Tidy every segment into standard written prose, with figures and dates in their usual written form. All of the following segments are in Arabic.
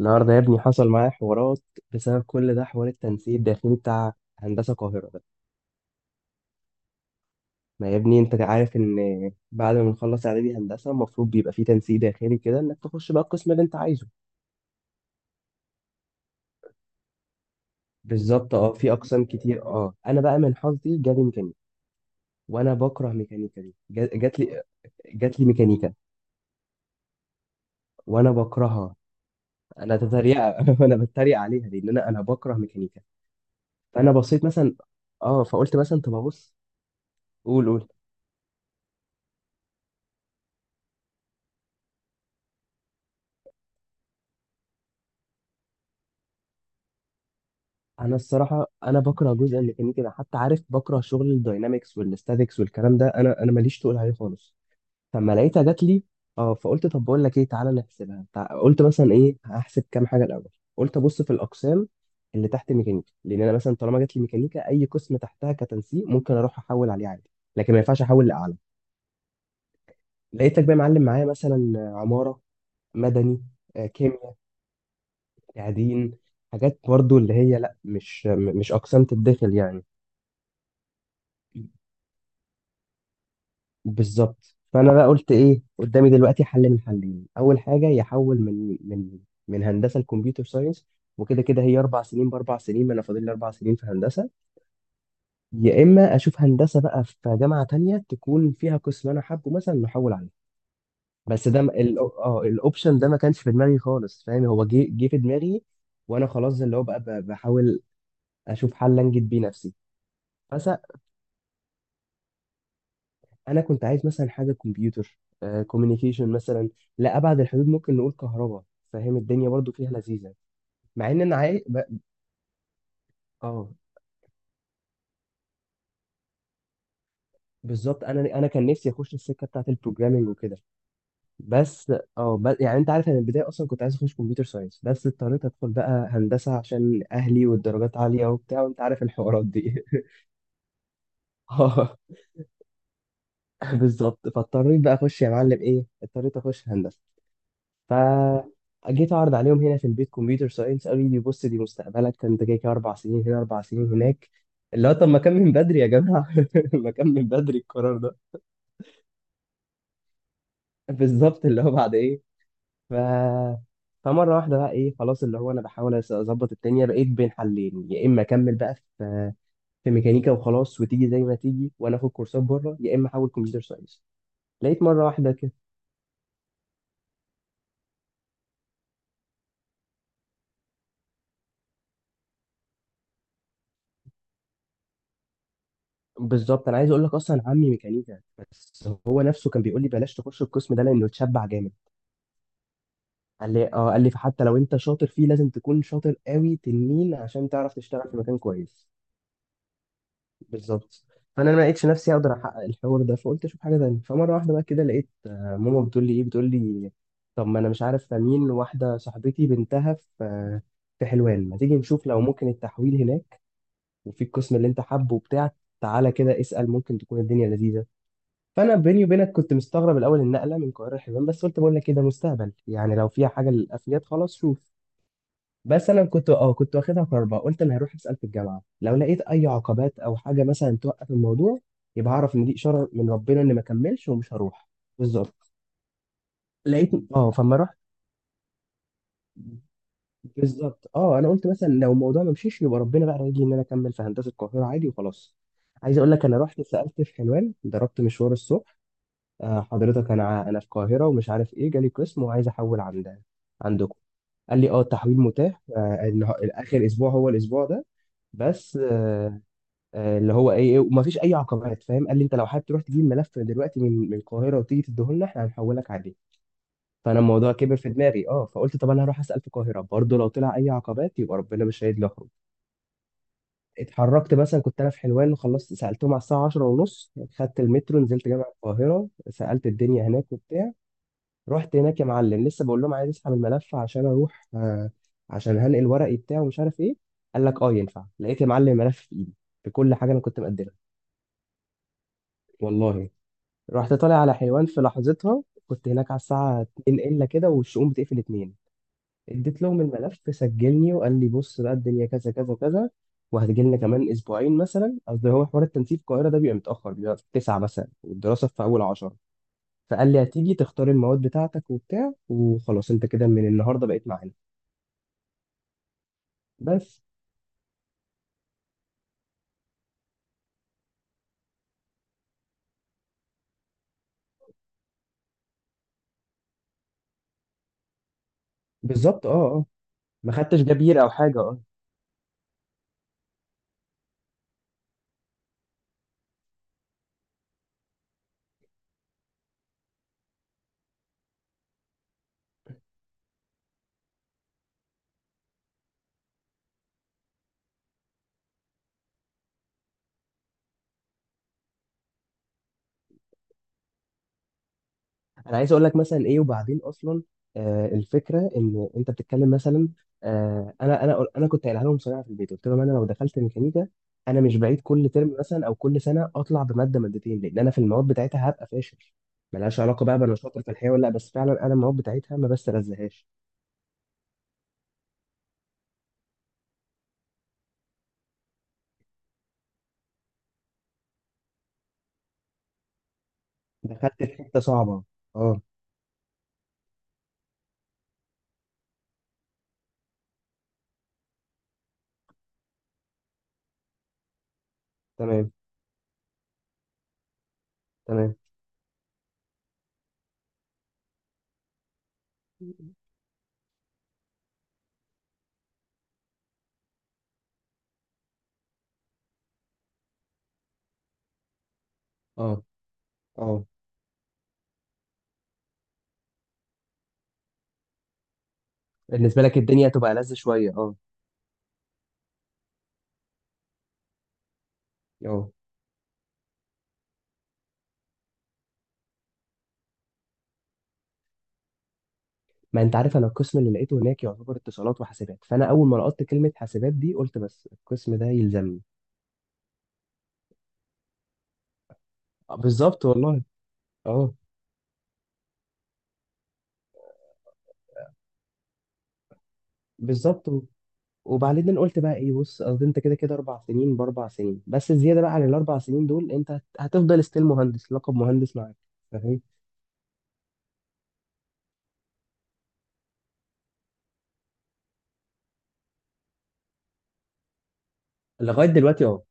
النهارده يا ابني، حصل معايا حوارات بسبب كل ده، حوار التنسيق الداخلي بتاع هندسة القاهرة ده. ما يا ابني، انت عارف ان بعد ما نخلص اعدادي هندسة المفروض بيبقى في تنسيق داخلي كده انك تخش بقى القسم اللي انت عايزه. بالظبط، في اقسام كتير. اه انا بقى من حظي جالي ميكانيكا، وانا بكره ميكانيكا دي. جات لي ميكانيكا، وانا بكرهها. انا تتريق انا بتريق عليها لان انا بكره ميكانيكا. فانا بصيت مثلا. اه فقلت مثلا طب ابص. قول قول. انا الصراحه انا بكره جزء الميكانيكي ده، حتى عارف بكره شغل الداينامكس والاستاتيكس والكلام ده. انا ماليش تقول عليه خالص. فلما لقيتها جات لي، اه فقلت طب بقول لك ايه، تعالى نحسبها. قلت مثلا ايه، هحسب كام حاجه الاول. قلت ابص في الاقسام اللي تحت ميكانيكا، لان انا مثلا طالما جات لي ميكانيكا اي قسم تحتها كتنسيق ممكن اروح احول عليه عادي، لكن ما ينفعش احول لاعلى. لقيتك بقى معلم معايا مثلا عماره، مدني، كيمياء، تعدين، حاجات برضو اللي هي لا، مش اقسام تتدخل يعني. بالظبط. فانا بقى قلت ايه قدامي دلوقتي؟ حل من حلين، اول حاجه يحول من هندسه لكمبيوتر ساينس، وكده كده هي اربع سنين باربع سنين، ما انا فاضل لي اربع سنين في هندسه. يا اما اشوف هندسه بقى في جامعه تانية تكون فيها قسم انا حابه مثلا نحول عليه. بس ده الاوبشن ده ما كانش في دماغي خالص، فاهم؟ هو جه في دماغي، وانا خلاص اللي هو بقى بحاول اشوف حل انجد بيه نفسي. انا كنت عايز مثلا حاجه كمبيوتر، كوميونيكيشن مثلا، لا ابعد الحدود ممكن نقول كهرباء، فاهم؟ الدنيا برضو فيها لذيذه، مع ان انا عايز اه بالظبط، انا كان نفسي اخش السكه بتاعت البروجرامنج وكده، بس. يعني انت عارف انا البدايه اصلا كنت عايز اخش كمبيوتر ساينس، بس اضطريت ادخل بقى هندسه عشان اهلي والدرجات عاليه وبتاع، وانت عارف الحوارات دي. اه بالظبط، فاضطريت بقى اخش يا معلم ايه، اضطريت اخش هندسه. فجيت اعرض عليهم هنا في البيت كمبيوتر ساينس، قالوا لي بص دي مستقبلك ده، انت كده كده اربع سنين هنا اربع سنين هناك. اللي هو طب ما كان من بدري يا جماعه؟ ما كان من بدري القرار ده. بالظبط، اللي هو بعد ايه. ف فمره واحده بقى ايه خلاص، اللي هو انا بحاول اظبط الدنيا، بقيت بين حلين، يا اما اكمل بقى في ميكانيكا وخلاص وتيجي زي ما تيجي وانا اخد كورسات بره، يا اما احول كمبيوتر ساينس. لقيت مره واحده كده. بالظبط، انا عايز اقول لك اصلا عمي ميكانيكا، بس هو نفسه كان بيقول لي بلاش تخش القسم ده لانه اتشبع جامد. قال لي فحتى لو انت شاطر فيه لازم تكون شاطر قوي تنين عشان تعرف تشتغل في مكان كويس. بالظبط. فانا ما لقيتش نفسي اقدر احقق الحوار ده، فقلت اشوف حاجه تانية. فمره واحده بقى كده لقيت ماما بتقول لي ايه، بتقول لي طب ما انا مش عارف، امين واحده صاحبتي بنتها في حلوان، ما تيجي نشوف لو ممكن التحويل هناك وفي القسم اللي انت حابه وبتاع، تعالى كده اسال ممكن تكون الدنيا لذيذه. فانا بيني وبينك كنت مستغرب الاول النقله من القاهره لحلوان، بس قلت بقول لك كده مستقبل يعني، لو فيها حاجه للافياد خلاص شوف. بس انا كنت واخدها كربه، قلت انا هروح اسال في الجامعه لو لقيت اي عقبات او حاجه مثلا توقف الموضوع يبقى اعرف ان دي اشاره من ربنا اني ما اكملش ومش هروح. بالظبط. لقيت. اه فما رحت. بالظبط، انا قلت مثلا لو الموضوع ما مشيش يبقى ربنا بقى رايجي ان انا اكمل في هندسه القاهره عادي وخلاص. عايز اقول لك، انا رحت سالت في حلوان، ضربت مشوار الصبح. آه حضرتك، انا في القاهره ومش عارف ايه، جالي قسم وعايز احول عندكم. قال لي التحويل متاح. اخر اسبوع هو الاسبوع ده. بس اللي هو ايه إيه، وما فيش اي عقبات فاهم. قال لي انت لو حابب تروح تجيب ملف دلوقتي من القاهره وتيجي تديه لنا احنا هنحولك عليه. فانا الموضوع كبر في دماغي، فقلت طب انا هروح اسال في القاهره برضه لو طلع اي عقبات يبقى ربنا مش هيدلي اخرج. اتحركت، مثلا كنت انا في حلوان وخلصت سالتهم على الساعه 10 ونص، خدت المترو نزلت جامع القاهره سالت الدنيا هناك وبتاع. رحت هناك يا معلم، لسه بقول لهم عايز اسحب الملف عشان اروح، عشان هنقل ورقي بتاعه ومش عارف ايه. قال لك ينفع، لقيت يا معلم الملف في ايدي بكل حاجه انا كنت مقدمها. والله. رحت طالع على حلوان، في لحظتها كنت هناك على الساعه 2 الا كده، والشؤون بتقفل 2. اديت لهم الملف سجلني، وقال لي بص بقى الدنيا كذا كذا كذا، وهتجي لنا كمان اسبوعين مثلا، قصدي هو حوار التنسيق في القاهره ده بيبقى متاخر، بيبقى في 9 مثلا والدراسه في اول 10. فقال لي هتيجي تختار المواد بتاعتك وبتاع، وخلاص انت كده من النهارده بقيت معانا بس. بالظبط. اه اه ما خدتش جبير او حاجه اه انا عايز اقول لك مثلا ايه، وبعدين اصلا الفكره ان انت بتتكلم مثلا. انا كنت قايلها لهم صراحه في البيت، قلت لهم انا لو دخلت ميكانيكا انا مش بعيد كل ترم مثلا او كل سنه اطلع بماده مادتين، لان انا في المواد بتاعتها هبقى فاشل. ملهاش علاقه بقى بأنا شاطر في الحياه ولا لا، بس فعلا انا المواد بتاعتها ما بستلذهاش. دخلت في حته صعبه. اه. تمام. تمام. اه. اه بالنسبه لك الدنيا هتبقى لذ شويه. اه. اه ما انت عارف انا القسم اللي لقيته هناك يعتبر اتصالات وحاسبات، فانا اول ما لقطت كلمه حاسبات دي قلت بس القسم ده يلزمني. بالظبط والله. اه بالظبط. وبعدين أنا قلت بقى ايه، بص قصدي انت كده كده اربع سنين باربع سنين، بس الزياده بقى عن الاربع سنين دول انت هتفضل ستيل مهندس، لقب مهندس معاك فاهم. لغايه دلوقتي اه.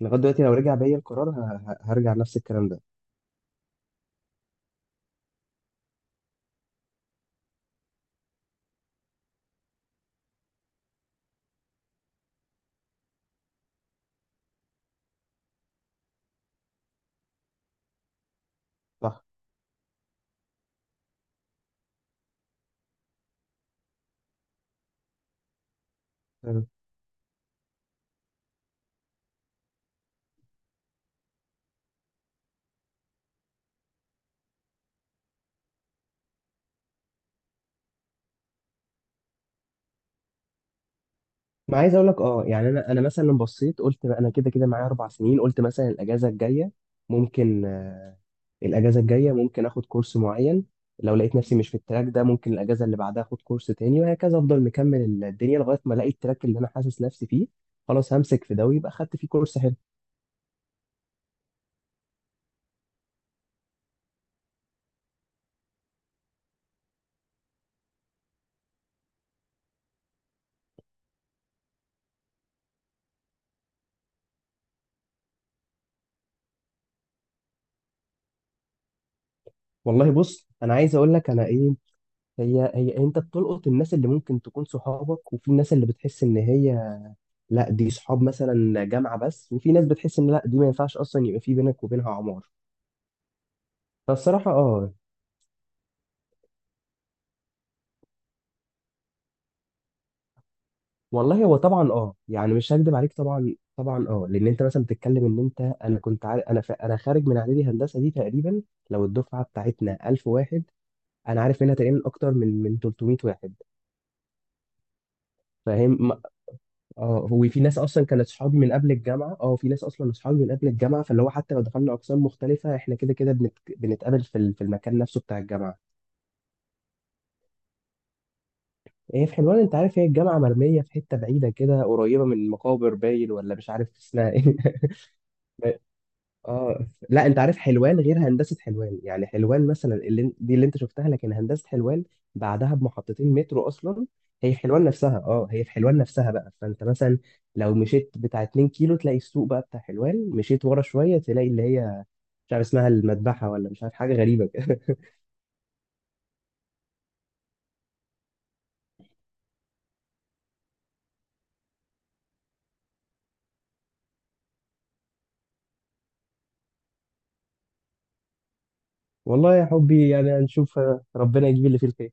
لغايه دلوقتي لو رجع بيا القرار هرجع نفس الكلام ده. صح. ما عايز اقول لك، يعني انا مثلا لما بصيت قلت بقى انا كده كده معايا اربع سنين، قلت مثلا الاجازه الجايه ممكن، الاجازه الجايه ممكن اخد كورس معين. لو لقيت نفسي مش في التراك ده، ممكن الاجازه اللي بعدها اخد كورس تاني وهكذا، افضل مكمل الدنيا لغايه ما الاقي التراك اللي انا حاسس نفسي فيه، خلاص همسك في ده ويبقى خدت فيه كورس حلو. والله بص، انا عايز اقول لك انا ايه، هي انت بتلقط الناس اللي ممكن تكون صحابك، وفي الناس اللي بتحس ان هي لا دي صحاب مثلا جامعه بس، وفي ناس بتحس ان لا دي ما ينفعش اصلا يبقى في بينك وبينها عمار. فالصراحة اه. والله هو طبعا، يعني مش هكدب عليك طبعا طبعا، لان انت مثلا بتتكلم ان انت، انا كنت عارف انا انا خارج من اعدادي هندسة دي تقريبا. لو الدفعة بتاعتنا 1000 واحد، انا عارف منها تقريبا اكتر من 300 واحد. فاهم. هو في ناس اصلا كانت صحابي من قبل الجامعة، في ناس اصلا صحابي من قبل الجامعة، فاللي هو حتى لو دخلنا اقسام مختلفة احنا كده كده بنتقابل في المكان نفسه بتاع الجامعة. هي في حلوان، انت عارف هي الجامعة مرمية في حتة بعيدة كده قريبة من مقابر باين، ولا مش عارف اسمها ايه. اه لا، انت عارف حلوان غير هندسه حلوان، يعني حلوان مثلا اللي دي اللي انت شفتها، لكن هندسه حلوان بعدها بمحطتين مترو اصلا. هي في حلوان نفسها اه هي في حلوان نفسها بقى، فانت مثلا لو مشيت بتاع 2 كيلو تلاقي السوق بقى بتاع حلوان، مشيت ورا شويه تلاقي اللي هي مش عارف اسمها المذبحه، ولا مش عارف حاجه غريبه كده. والله يا حبي، يعني هنشوف، ربنا يجيب اللي فيه الخير.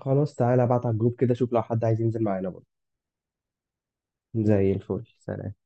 خلاص تعالى ابعت على الجروب كده، شوف لو حد عايز ينزل معانا برضه. زي الفل. سلام.